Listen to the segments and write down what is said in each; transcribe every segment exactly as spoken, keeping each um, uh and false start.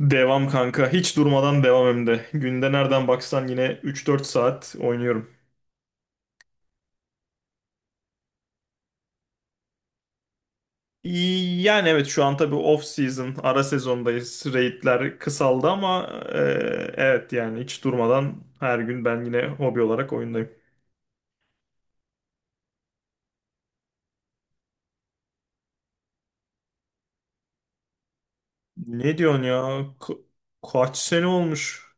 Devam kanka. Hiç durmadan devam hem de. Günde nereden baksan yine üç dört saat oynuyorum. İyi, Yani evet şu an tabii off season, ara sezondayız. Raid'ler kısaldı ama e, evet yani hiç durmadan her gün ben yine hobi olarak oyundayım. Ne diyorsun ya? Ka- kaç sene olmuş?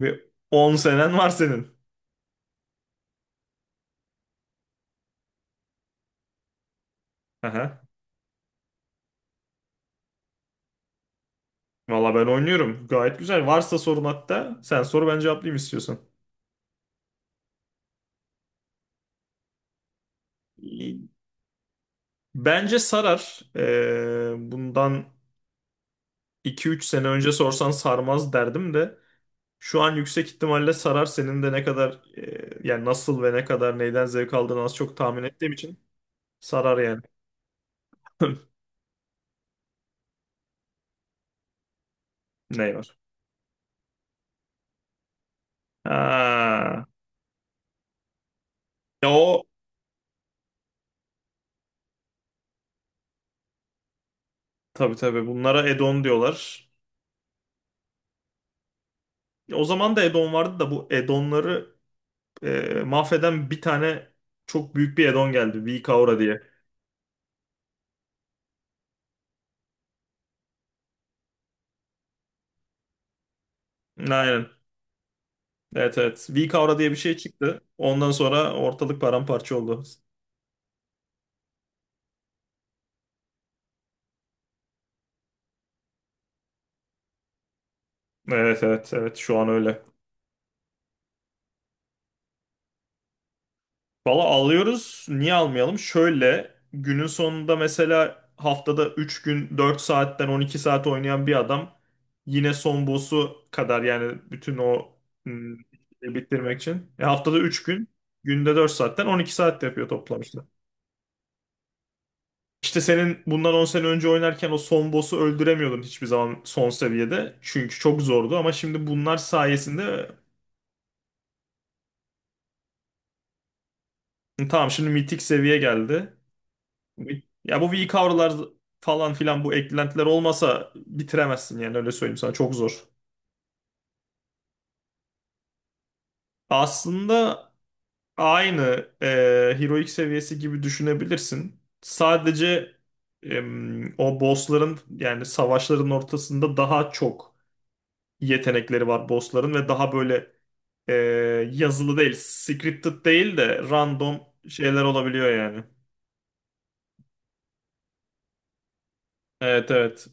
Ve on senen var senin. Aha. Valla ben oynuyorum. Gayet güzel. Varsa sorun hatta sen soru ben cevaplayayım istiyorsan. Bence sarar. Ee, bundan iki üç sene önce sorsan sarmaz derdim de şu an yüksek ihtimalle sarar senin de ne kadar e, yani nasıl ve ne kadar neyden zevk aldığını az çok tahmin ettiğim için sarar yani. ney var? Ha. Ya o tabii tabii bunlara add-on diyorlar. Ya O zaman da add-on vardı da bu add-onları e, mahveden bir tane çok büyük bir add-on geldi. v diye. Aynen. Evet evet. v diye bir şey çıktı. Ondan sonra ortalık paramparça oldu. Evet evet evet şu an öyle. Valla alıyoruz. Niye almayalım? Şöyle günün sonunda mesela haftada üç gün dört saatten on iki saat oynayan bir adam yine son boss'u kadar yani bütün o hmm, bitirmek için. E, haftada üç gün günde dört saatten on iki saat yapıyor toplam işte. İşte senin bundan on sene önce oynarken o son boss'u öldüremiyordun hiçbir zaman son seviyede. Çünkü çok zordu ama şimdi bunlar sayesinde tamam şimdi mitik seviye geldi. Bu- Ya bu V-Cover'lar falan filan bu eklentiler olmasa bitiremezsin yani öyle söyleyeyim sana çok zor. Aslında aynı e, heroic seviyesi gibi düşünebilirsin. Sadece em, o bossların yani savaşların ortasında daha çok yetenekleri var bossların ve daha böyle e, yazılı değil, scripted değil de random şeyler olabiliyor yani. Evet evet.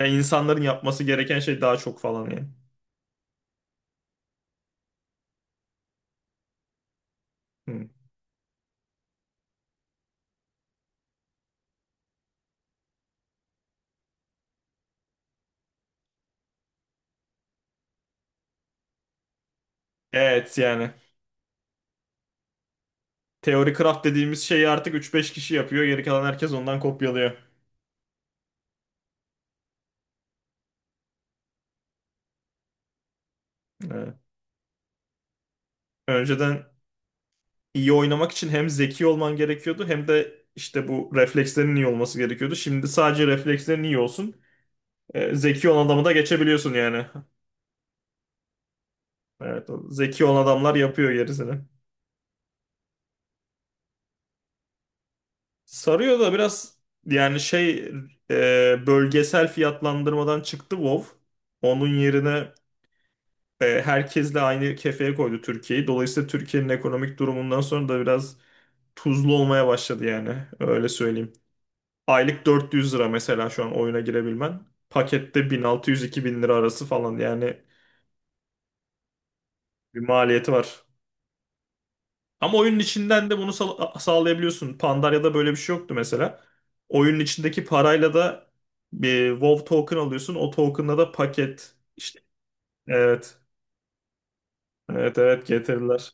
Ya insanların yapması gereken şey daha çok falan yani. Hı. Evet yani. Teori craft dediğimiz şeyi artık üç beş kişi yapıyor. Geri kalan herkes ondan kopyalıyor. Evet. Önceden iyi oynamak için hem zeki olman gerekiyordu hem de işte bu reflekslerin iyi olması gerekiyordu. Şimdi sadece reflekslerin iyi olsun. Ee, zeki olan adamı da geçebiliyorsun yani. Evet, o zeki olan adamlar yapıyor gerisini. Sarıyor da biraz yani şey e, bölgesel fiyatlandırmadan çıktı WoW. Onun yerine e, herkesle aynı kefeye koydu Türkiye'yi. Dolayısıyla Türkiye'nin ekonomik durumundan sonra da biraz tuzlu olmaya başladı yani. Öyle söyleyeyim. Aylık dört yüz lira mesela şu an oyuna girebilmen. Pakette bin altı yüz-iki bin lira arası falan yani bir maliyeti var. Ama oyunun içinden de bunu sağ- sağlayabiliyorsun. Pandaria'da böyle bir şey yoktu mesela. Oyunun içindeki parayla da bir WoW token alıyorsun. O token'la da paket işte evet. Evet evet getirdiler.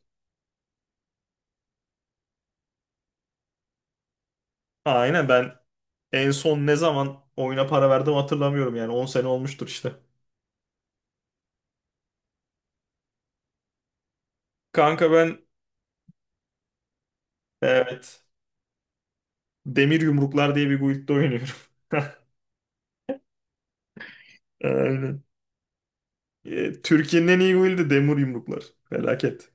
Aynen ben en son ne zaman oyuna para verdim hatırlamıyorum yani on sene olmuştur işte. Kanka ben evet Demir Yumruklar diye bir guildde oynuyorum. Aynen. E, Türkiye'nin en iyi guildi Demir Yumruklar. Felaket.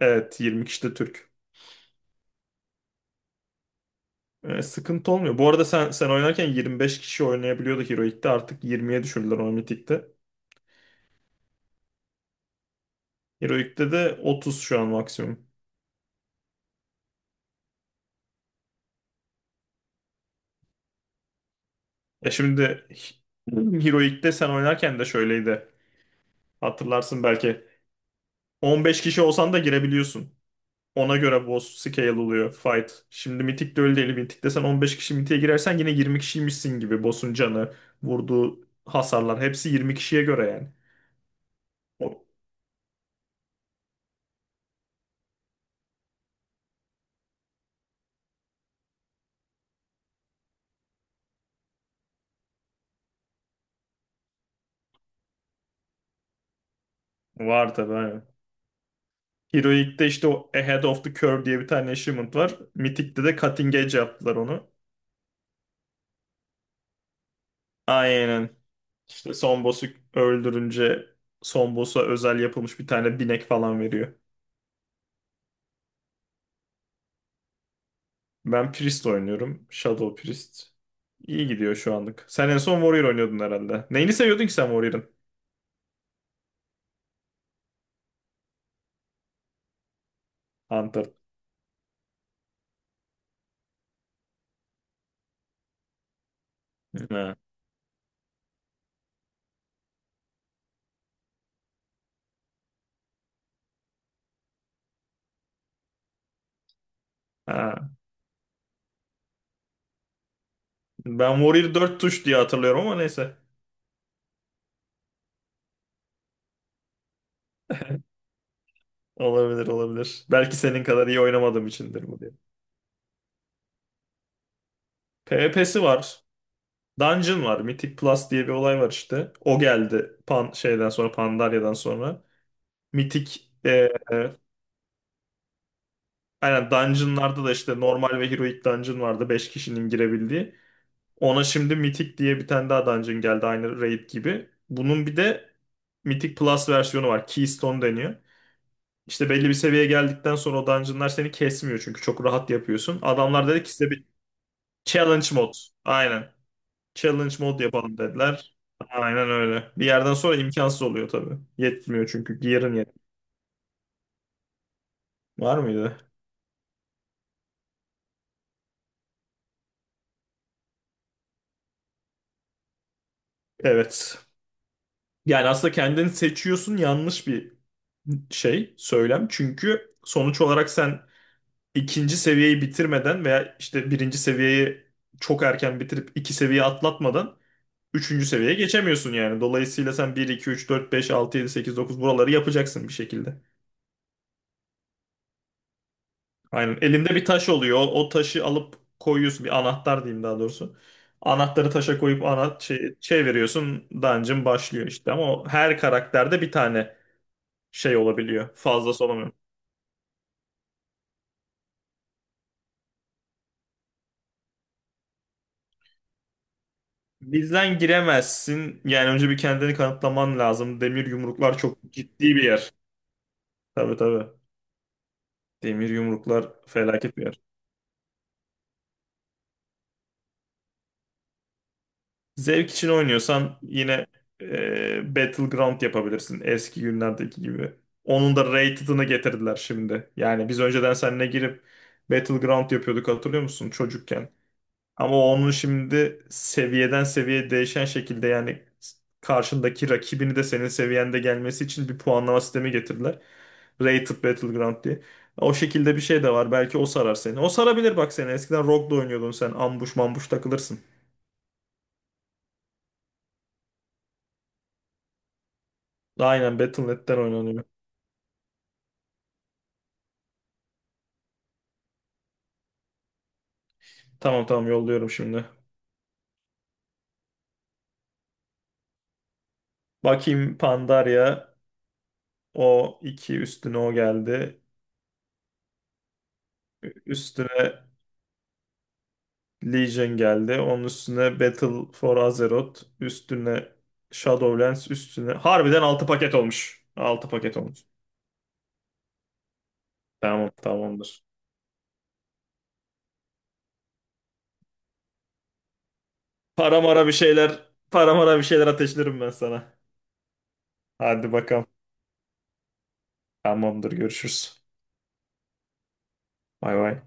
Evet yirmi kişi de Türk. E, sıkıntı olmuyor. Bu arada sen sen oynarken yirmi beş kişi oynayabiliyordu Heroic'te. Artık yirmiye düşürdüler o Mythic'te. Heroic'te de otuz şu an maksimum. E şimdi Heroic'te sen oynarken de şöyleydi. Hatırlarsın belki. on beş kişi olsan da girebiliyorsun. Ona göre boss scale oluyor fight. Şimdi Mythic'te öyle değil. Mythic'te sen on beş kişi Mythic'e girersen yine yirmi kişiymişsin gibi. Boss'un canı, vurduğu hasarlar hepsi yirmi kişiye göre yani. O, var tabii aynen. Heroic'te işte o Ahead of the Curve diye bir tane achievement var. Mythic'te de Cutting Edge yaptılar onu. Aynen. İşte son boss'u öldürünce son boss'a özel yapılmış bir tane binek falan veriyor. Ben Priest oynuyorum. Shadow Priest. İyi gidiyor şu anlık. Sen en son Warrior oynuyordun herhalde. Neyini seviyordun ki sen Warrior'ın? Hunter. Ha. Ha. Ben Warrior dört tuş diye hatırlıyorum ama neyse. Olabilir olabilir. Belki senin kadar iyi oynamadığım içindir bu diye. PvP'si var. Dungeon var. Mythic Plus diye bir olay var işte. O geldi Pan şeyden sonra Pandaria'dan sonra. Mythic e, e, aynen Dungeon'larda da işte normal ve Heroic Dungeon vardı. Beş kişinin girebildiği. Ona şimdi Mythic diye bir tane daha dungeon geldi aynı raid gibi. Bunun bir de Mythic Plus versiyonu var. Keystone deniyor. İşte belli bir seviyeye geldikten sonra o dungeonlar seni kesmiyor çünkü çok rahat yapıyorsun. Adamlar dedi ki size bir challenge mod. Aynen. Challenge mod yapalım dediler. Aynen öyle. Bir yerden sonra imkansız oluyor tabii. Yetmiyor çünkü gear'ın yet. Var mıydı? Evet. Yani aslında kendini seçiyorsun yanlış bir şey, söylem. Çünkü sonuç olarak sen ikinci seviyeyi bitirmeden veya işte birinci seviyeyi çok erken bitirip iki seviye atlatmadan üçüncü seviyeye geçemiyorsun yani. Dolayısıyla sen bir iki üç dört beş altı yedi sekiz dokuz buraları yapacaksın bir şekilde. Aynen. Elinde bir taş oluyor. O, o taşı alıp koyuyorsun. Bir anahtar diyeyim daha doğrusu. Anahtarı taşa koyup ana şey, çeviriyorsun. Dungeon başlıyor işte. Ama o her karakterde bir tane şey olabiliyor. Fazlası olamıyor. Bizden giremezsin. Yani önce bir kendini kanıtlaman lazım. Demir yumruklar çok ciddi bir yer. Tabii tabii. Demir yumruklar felaket bir yer. Zevk için oynuyorsan yine e, Battleground yapabilirsin eski günlerdeki gibi. Onun da rated'ını getirdiler şimdi. Yani biz önceden seninle girip Battleground yapıyorduk hatırlıyor musun çocukken? Ama onun şimdi seviyeden seviyeye değişen şekilde yani karşındaki rakibini de senin seviyende gelmesi için bir puanlama sistemi getirdiler. Rated Battleground diye. O şekilde bir şey de var. Belki o sarar seni. O sarabilir bak seni. Eskiden Rogue'da oynuyordun sen. Ambush mambush takılırsın. Aynen Battle nokta Net'ten oynanıyor. Tamam tamam yolluyorum şimdi. Bakayım Pandaria. O iki üstüne o geldi. Üstüne Legion geldi. Onun üstüne Battle for Azeroth. Üstüne Shadowlands. Üstüne. Harbiden altı paket olmuş. altı paket olmuş. Tamam tamamdır. Paramara bir şeyler. paramara bir şeyler ateşlerim ben sana. Hadi bakalım. Tamamdır görüşürüz. Bay bay.